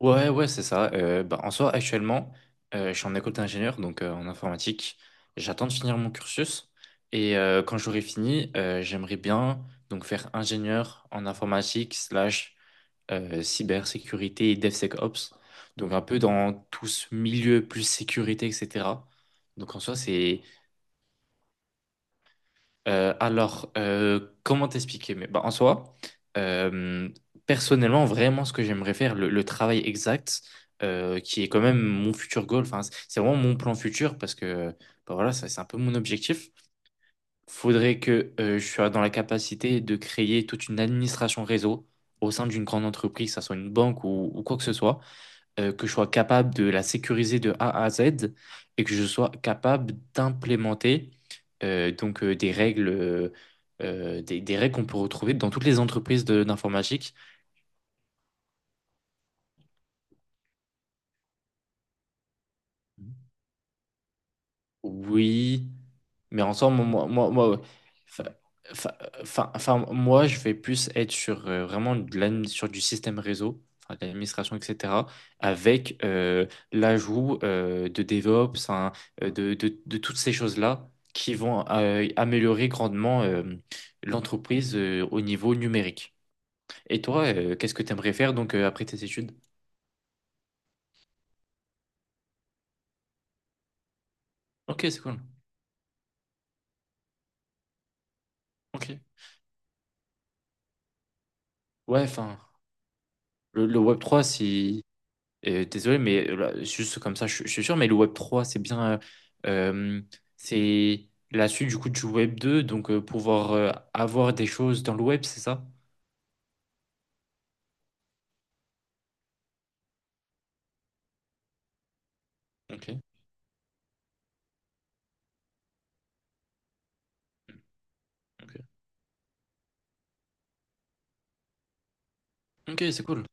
Ouais, ouais, c'est ça. Bah, en soi, actuellement, je suis en école d'ingénieur, donc en informatique. J'attends de finir mon cursus. Et quand j'aurai fini, j'aimerais bien donc faire ingénieur en informatique slash cybersécurité et DevSecOps. Donc un peu dans tout ce milieu plus sécurité, etc. Donc en soi, c'est alors, comment t'expliquer? Mais bah, en soi, euh, personnellement, vraiment, ce que j'aimerais faire, le travail exact, qui est quand même mon futur goal. Enfin, c'est vraiment mon plan futur parce que, bah, voilà, ça, c'est un peu mon objectif. Faudrait que je sois dans la capacité de créer toute une administration réseau au sein d'une grande entreprise, que ça soit une banque ou quoi que ce soit, que je sois capable de la sécuriser de A à Z et que je sois capable d'implémenter donc des règles, des règles qu'on peut retrouver dans toutes les entreprises d'informatique. Oui, mais ensemble moi, ouais. Enfin, enfin, enfin, moi, je vais plus être sur vraiment sur du système réseau, enfin, de l'administration, etc., avec l'ajout de DevOps, hein, de toutes ces choses-là qui vont améliorer grandement l'entreprise au niveau numérique. Et toi, qu'est-ce que tu aimerais faire donc après tes études? Ok, c'est cool. Ok. Ouais, enfin, le Web3. Désolé, mais là, juste comme ça, je suis sûr, mais le Web3, c'est bien. Euh, c'est la suite du coup du Web2, donc pouvoir avoir des choses dans le Web, c'est ça? Ok, ok. Ok, c'est cool.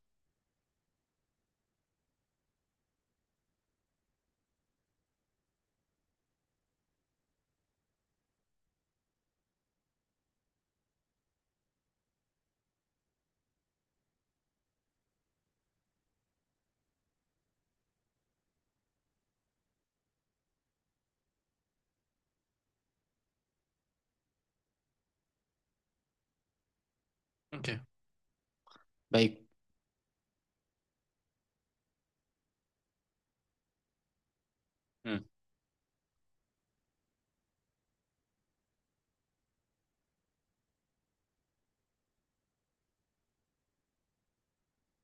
Ok. Bah, hmm.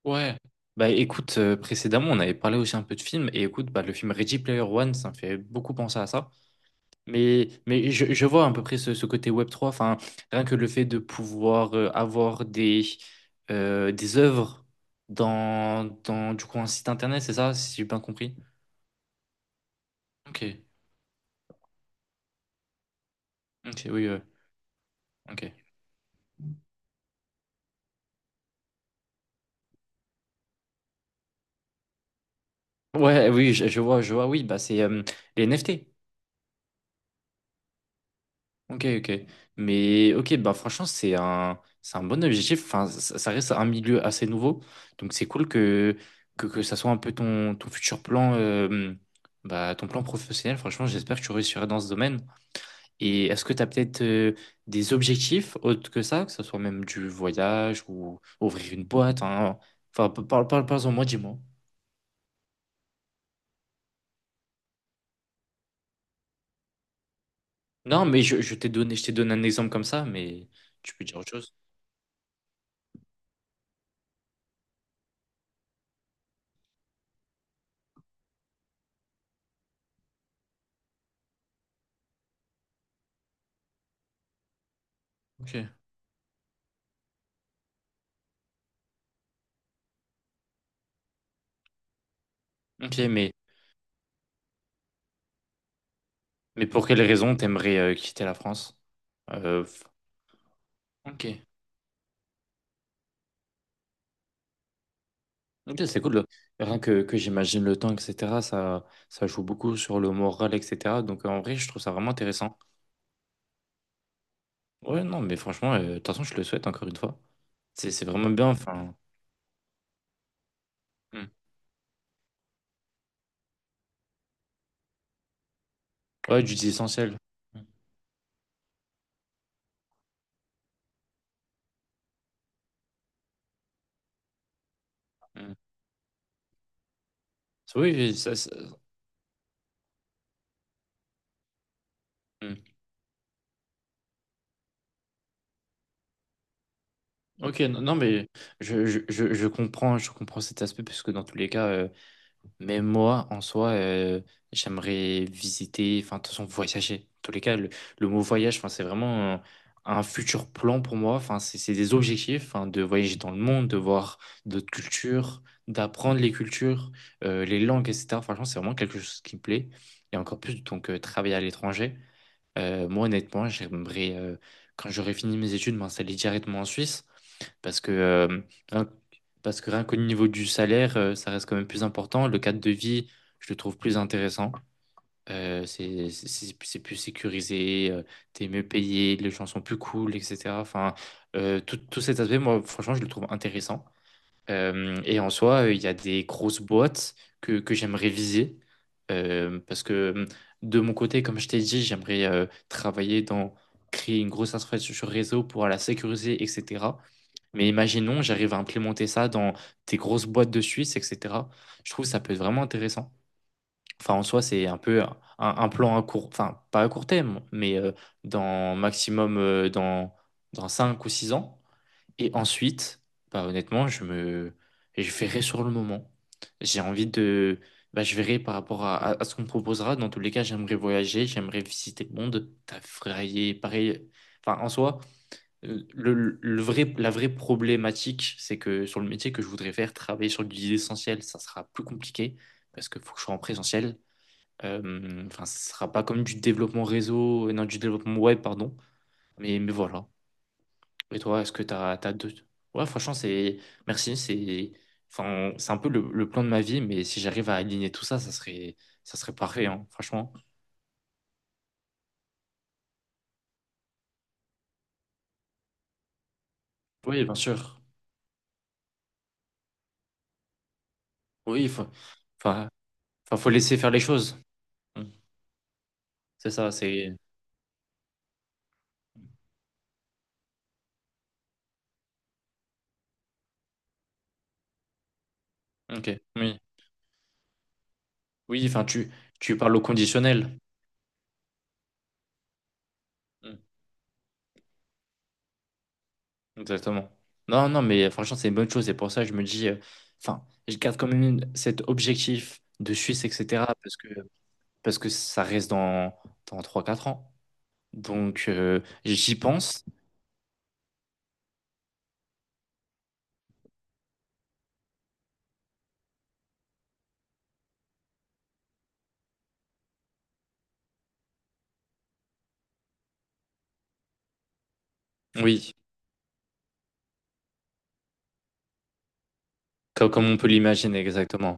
Ouais. Bah, écoute, précédemment, on avait parlé aussi un peu de films, et écoute, bah, le film Ready Player One, ça me fait beaucoup penser à ça. Mais je vois à peu près ce côté web trois enfin, rien que le fait de pouvoir avoir des œuvres dans du coup, un site internet, c'est ça, si j'ai bien compris? Ok, ok, oui, ouais, ok. Ouais, oui, je vois, oui, bah, c'est les NFT. Ok, ok. Mais ok, bah franchement, c'est un bon objectif. Enfin, ça reste un milieu assez nouveau. Donc c'est cool que ça soit un peu ton futur plan, ton plan professionnel. Franchement, j'espère que tu réussiras dans ce domaine. Et est-ce que tu as peut-être des objectifs autres que ça, que ce soit même du voyage ou ouvrir une boîte, hein. Enfin, parle, parle, parle, en moi, dis-moi. Non, mais je t'ai donné un exemple comme ça, mais tu peux dire autre chose. Ok. Ok, mais pour quelles raisons t'aimerais quitter la France? Euh, ok. Ok, c'est cool. Rien que j'imagine le temps, etc., ça joue beaucoup sur le moral, etc. Donc en vrai, je trouve ça vraiment intéressant. Ouais, non, mais franchement, de toute façon, je le souhaite encore une fois. C'est vraiment bien, enfin. Hmm. Ouais, du essentiel. Hmm, hmm. Oui. Hmm. Ok, non, non, mais je comprends cet aspect, puisque dans tous les cas. Mais moi, en soi, j'aimerais visiter, enfin, de toute façon, voyager. En tous les cas, le mot voyage, enfin, c'est vraiment un futur plan pour moi. Enfin, c'est des objectifs, enfin, de voyager dans le monde, de voir d'autres cultures, d'apprendre les cultures, les langues, etc. Franchement, c'est vraiment quelque chose qui me plaît. Et encore plus, donc, travailler à l'étranger. Moi, honnêtement, j'aimerais, quand j'aurai fini mes études, m'installer directement en Suisse. Parce que, euh, rien, parce que rien qu'au niveau du salaire, ça reste quand même plus important. Le cadre de vie, je le trouve plus intéressant. C'est plus sécurisé, t'es mieux payé, les gens sont plus cool, etc. Enfin, tout cet aspect, moi, franchement, je le trouve intéressant. Et en soi, il y a des grosses boîtes que j'aimerais viser. Parce que de mon côté, comme je t'ai dit, j'aimerais travailler dans créer une grosse infrastructure réseau pour la sécuriser, etc. Mais imaginons, j'arrive à implémenter ça dans des grosses boîtes de Suisse, etc. Je trouve que ça peut être vraiment intéressant. Enfin, en soi, c'est un peu un plan à court, enfin, pas à court terme, mais dans maximum dans 5 ou 6 ans. Et ensuite, bah honnêtement, je verrai sur le moment. J'ai envie de, bah je verrai par rapport à ce qu'on me proposera. Dans tous les cas, j'aimerais voyager, j'aimerais visiter le monde, travailler, pareil. Enfin, en soi, le vrai, la vraie problématique, c'est que sur le métier que je voudrais faire, travailler sur l'idée essentielle, ça sera plus compliqué parce qu'il faut que je sois en présentiel. Enfin, ce sera pas comme du développement réseau, non, du développement web, pardon. Mais voilà. Et toi, est-ce que t'as deux... Ouais, franchement, c'est... Merci, c'est... Enfin, c'est un peu le plan de ma vie, mais si j'arrive à aligner tout ça, ça serait parfait, hein, franchement. Oui, bien sûr. Oui, il faut... Enfin, enfin, faut laisser faire les choses. Mm. C'est ça, c'est... Ok, oui. Oui, enfin, tu parles au conditionnel. Mm. Exactement. Non, non, mais franchement, c'est une bonne chose. Et pour ça, je me dis... Enfin, je garde quand même cet objectif de Suisse, etc. Parce que, parce que ça reste dans 3 4 ans. Donc, j'y pense. Oui, comme, on peut l'imaginer exactement.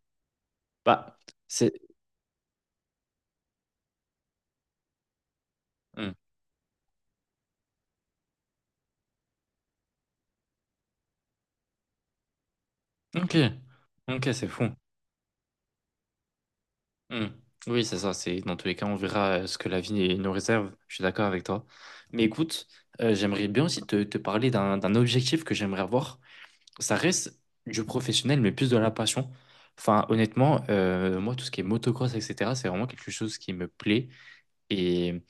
Bah, c'est. Hmm. Ok, ok, c'est fou. Hmm. Oui, c'est ça. C'est dans tous les cas, on verra ce que la vie nous réserve. Je suis d'accord avec toi. Mais écoute, j'aimerais bien aussi te parler d'un objectif que j'aimerais avoir. Ça reste du professionnel, mais plus de la passion. Enfin, honnêtement, moi, tout ce qui est motocross, etc., c'est vraiment quelque chose qui me plaît. Et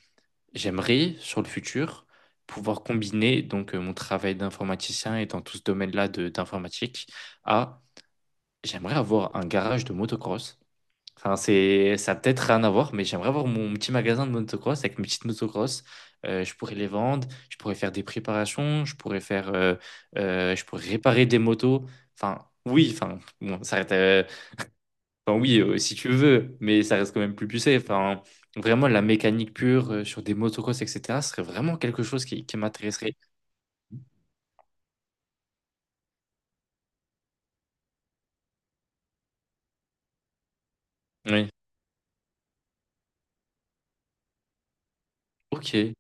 j'aimerais, sur le futur, pouvoir combiner donc mon travail d'informaticien et dans tout ce domaine-là d'informatique à, j'aimerais avoir un garage de motocross. Enfin, ça a peut-être rien à voir, mais j'aimerais avoir mon petit magasin de motocross avec mes petites motocross. Je pourrais les vendre, je pourrais faire des préparations, je pourrais réparer des motos. Enfin, oui, enfin, bon, ça reste, enfin, oui, si tu veux, mais ça reste quand même plus poussé. Enfin, vraiment, la mécanique pure sur des motocross, etc., ce serait vraiment quelque chose qui m'intéresserait. Oui. Ok,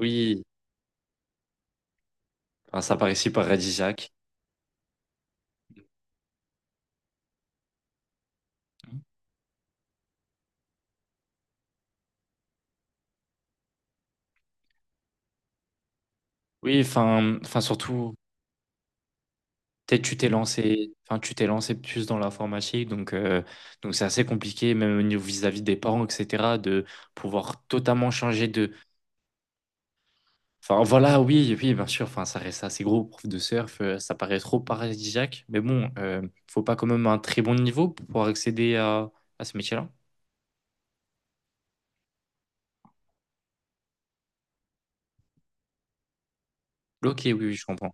oui. Enfin, ça paraissait paradisiaque. Oui, enfin, surtout, peut-être tu t'es lancé, enfin, tu t'es lancé plus dans l'informatique, donc c'est assez compliqué, même au niveau vis-à-vis des parents, etc., de pouvoir totalement changer de, enfin, voilà, oui, oui, bien sûr. Enfin, ça reste assez gros, prof de surf. Ça paraît trop paradisiaque. Mais bon, faut pas quand même un très bon niveau pour pouvoir accéder à ce métier-là. Ok, oui, oui, je comprends.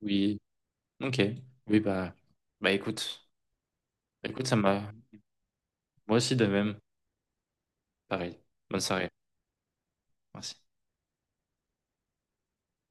Oui, ok. Oui, bah, bah écoute, écoute, ça m'a. Moi aussi de même. Pareil. Bonne soirée. Merci.